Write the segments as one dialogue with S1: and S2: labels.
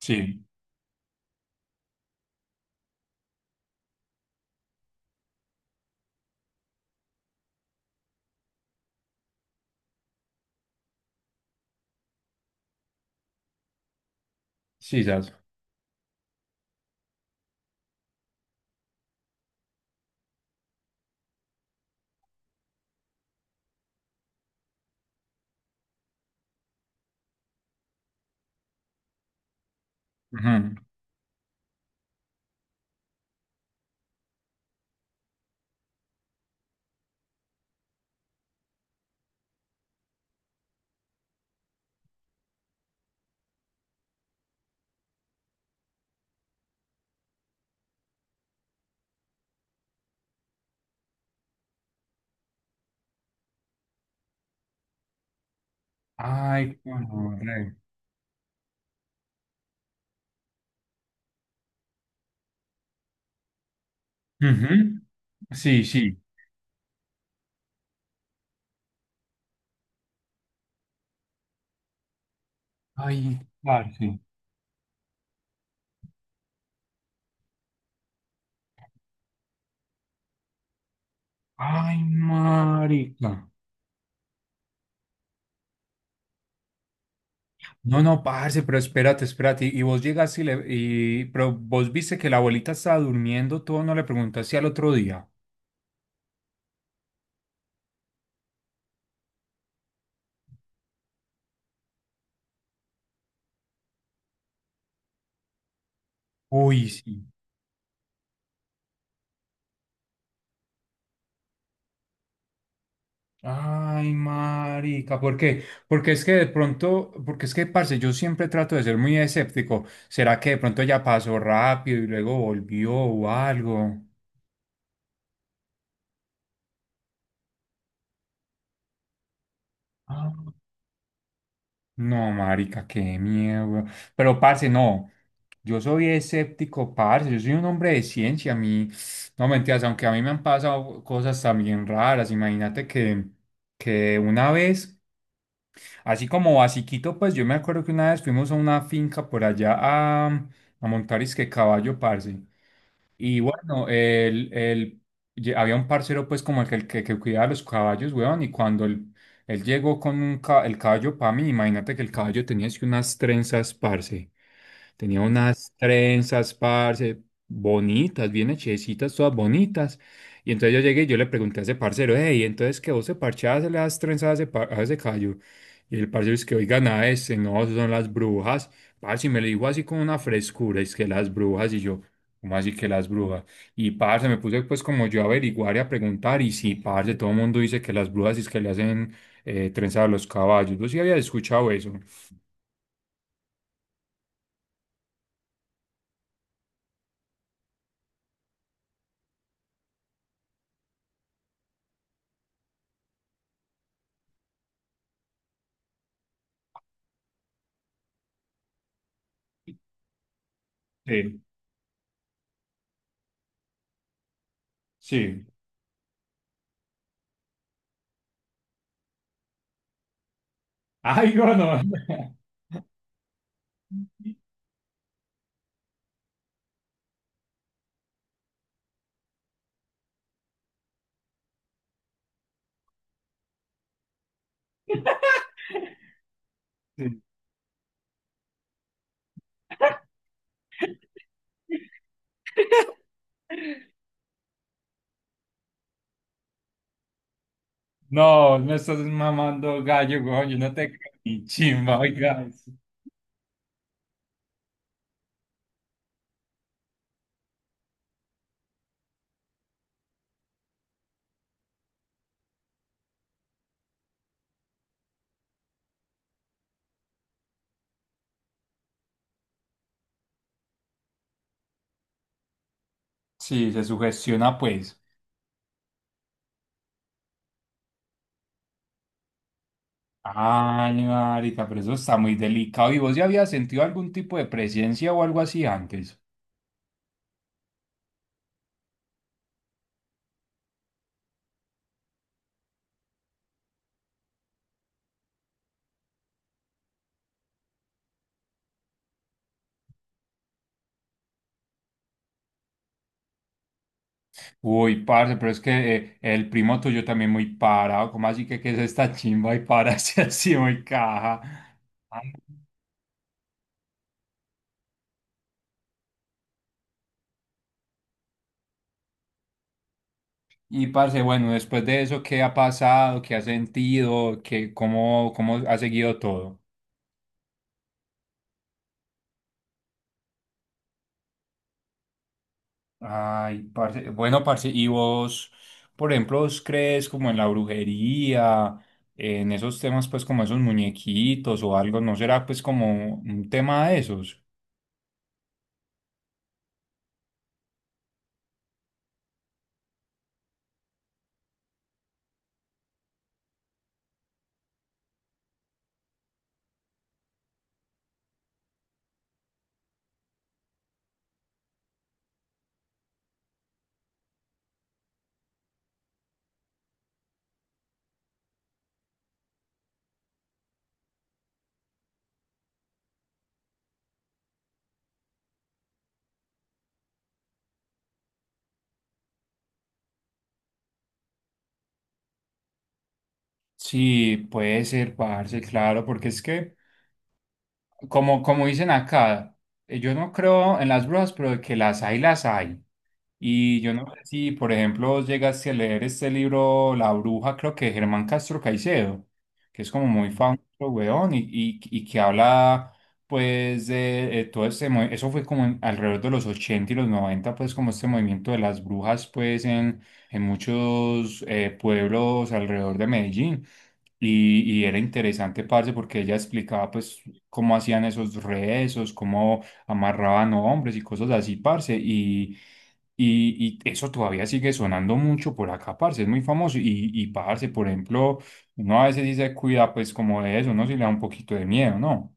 S1: Sí, sí, ya. Mhm. Ay, corre. Mhm. Sí, sí. Ay, parce. Ay, marica. No, no, parce, pero espérate, espérate. Y vos llegas y le... Y, pero vos viste que la abuelita estaba durmiendo, todo, no le preguntaste al otro día. Uy, sí. Ay, marica, ¿por qué? Porque es que de pronto, porque es que, parce, yo siempre trato de ser muy escéptico. ¿Será que de pronto ya pasó rápido y luego volvió o algo? No, marica, qué miedo, weón. Pero, parce, no. Yo soy escéptico, parce. Yo soy un hombre de ciencia. A mí, no, mentiras, aunque a mí me han pasado cosas también raras. Imagínate que una vez, así como basiquito, pues yo me acuerdo que una vez fuimos a una finca por allá a montar que caballo, parce. Y bueno, había un parcero pues como que cuidaba los caballos, weón, y cuando él llegó con el caballo para mí. Imagínate que el caballo tenía así unas trenzas, parce. Tenía unas trenzas, parce, bonitas, bien hechecitas, todas bonitas. Y entonces yo llegué y yo le pregunté a ese parcero, hey, entonces que vos se parchás le das trenzas a ese, a ese callo. Y el parcero es que, oiga, nada, este, no, eso son las brujas. Parce, y me lo dijo así con una frescura, es que las brujas. Y yo, ¿cómo así que las brujas? Y parce, me puse pues como yo a averiguar y a preguntar. Y sí, parce, todo el mundo dice que las brujas es que le hacen trenzas a los caballos. Yo sí había escuchado eso. Sí, sí. Ay, bueno. Sí. No, me estás mamando gallo, weón. Yo no te creo ni chimba, oiga. Sí, se sugestiona, pues. Ay, marica, pero eso está muy delicado. ¿Y vos ya habías sentido algún tipo de presencia o algo así antes? Uy, parce, pero es que el primo tuyo también muy parado. ¿Cómo así que qué es esta chimba y pararse así muy caja? Y parce, bueno, después de eso, ¿qué ha pasado? ¿Qué has sentido? ¿Qué, cómo, cómo ha seguido todo? Ay, parce, bueno, parce, ¿y vos, por ejemplo, vos crees como en la brujería, en esos temas, pues como esos muñequitos o algo? ¿No será pues como un tema de esos? Sí, puede ser, parce, claro, porque es que, como, como dicen acá, yo no creo en las brujas, pero de que las hay, las hay. Y yo no sé si, por ejemplo, vos llegaste a leer este libro La Bruja, creo que de Germán Castro Caicedo, que es como muy famoso, weón, y que habla, pues, de, todo este, eso fue como alrededor de los 80 y los 90 pues, como este movimiento de las brujas, pues, en muchos pueblos alrededor de Medellín. Y era interesante, parce, porque ella explicaba, pues, cómo hacían esos rezos, cómo amarraban hombres y cosas así, parce. Y eso todavía sigue sonando mucho por acá, parce. Es muy famoso. Y parce, por ejemplo, uno a veces dice, cuida, pues, como de eso, ¿no? Si le da un poquito de miedo, ¿no?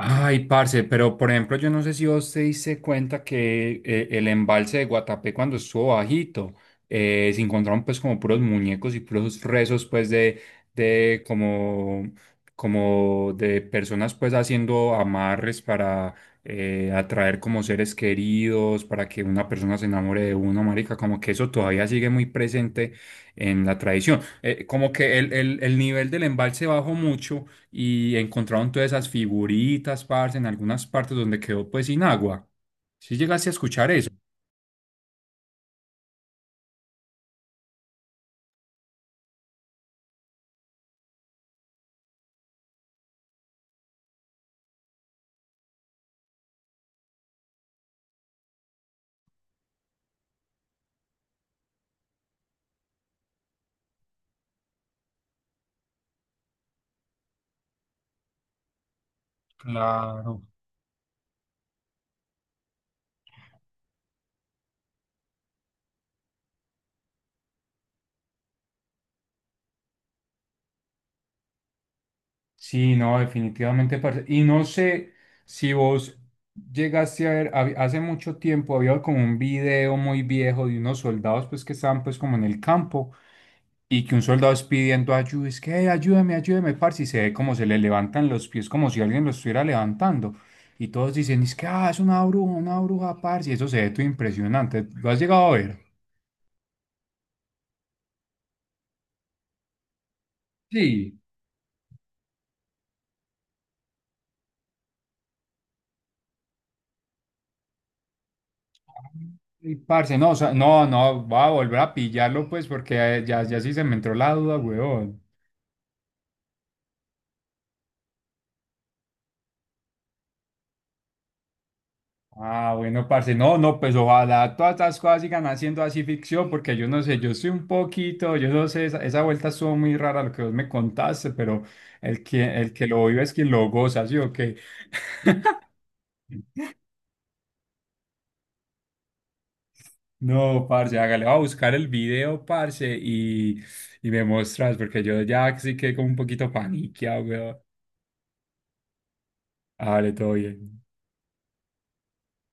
S1: Ay, parce, pero por ejemplo, yo no sé si vos te diste cuenta que el embalse de Guatapé cuando estuvo bajito, se encontraron pues como puros muñecos y puros rezos pues de como, como de personas pues haciendo amarres para atraer como seres queridos, para que una persona se enamore de uno, marica, como que eso todavía sigue muy presente en la tradición. Como que el, el nivel del embalse bajó mucho y encontraron todas esas figuritas, parce, en algunas partes donde quedó pues sin agua. Si llegaste a escuchar eso. Claro. Sí, no, definitivamente, parce. Y no sé si vos llegaste a ver, hace mucho tiempo había como un video muy viejo de unos soldados pues que estaban pues como en el campo y que un soldado es pidiendo ayuda, es que "Hey, ayúdame, ayúdame", parce, y se ve como se le levantan los pies, como si alguien los estuviera levantando. Y todos dicen, es que ah, es una bruja, parce, y eso se ve todo impresionante. ¿Lo has llegado a ver? Sí. Y parce, no, o sea, no, no, va a volver a pillarlo, pues, porque ya, ya sí se me entró la duda, weón. Ah, bueno, parce, no, no, pues ojalá todas estas cosas sigan haciendo así ficción, porque yo no sé, yo soy un poquito, yo no sé, esa vuelta estuvo muy rara lo que vos me contaste, pero el que lo vive es quien lo goza, ¿sí o qué? No, parce, hágale, va a buscar el video, parce, y me mostras, porque yo ya sí quedé como un poquito paniqueado, weón. Hágale, todo bien.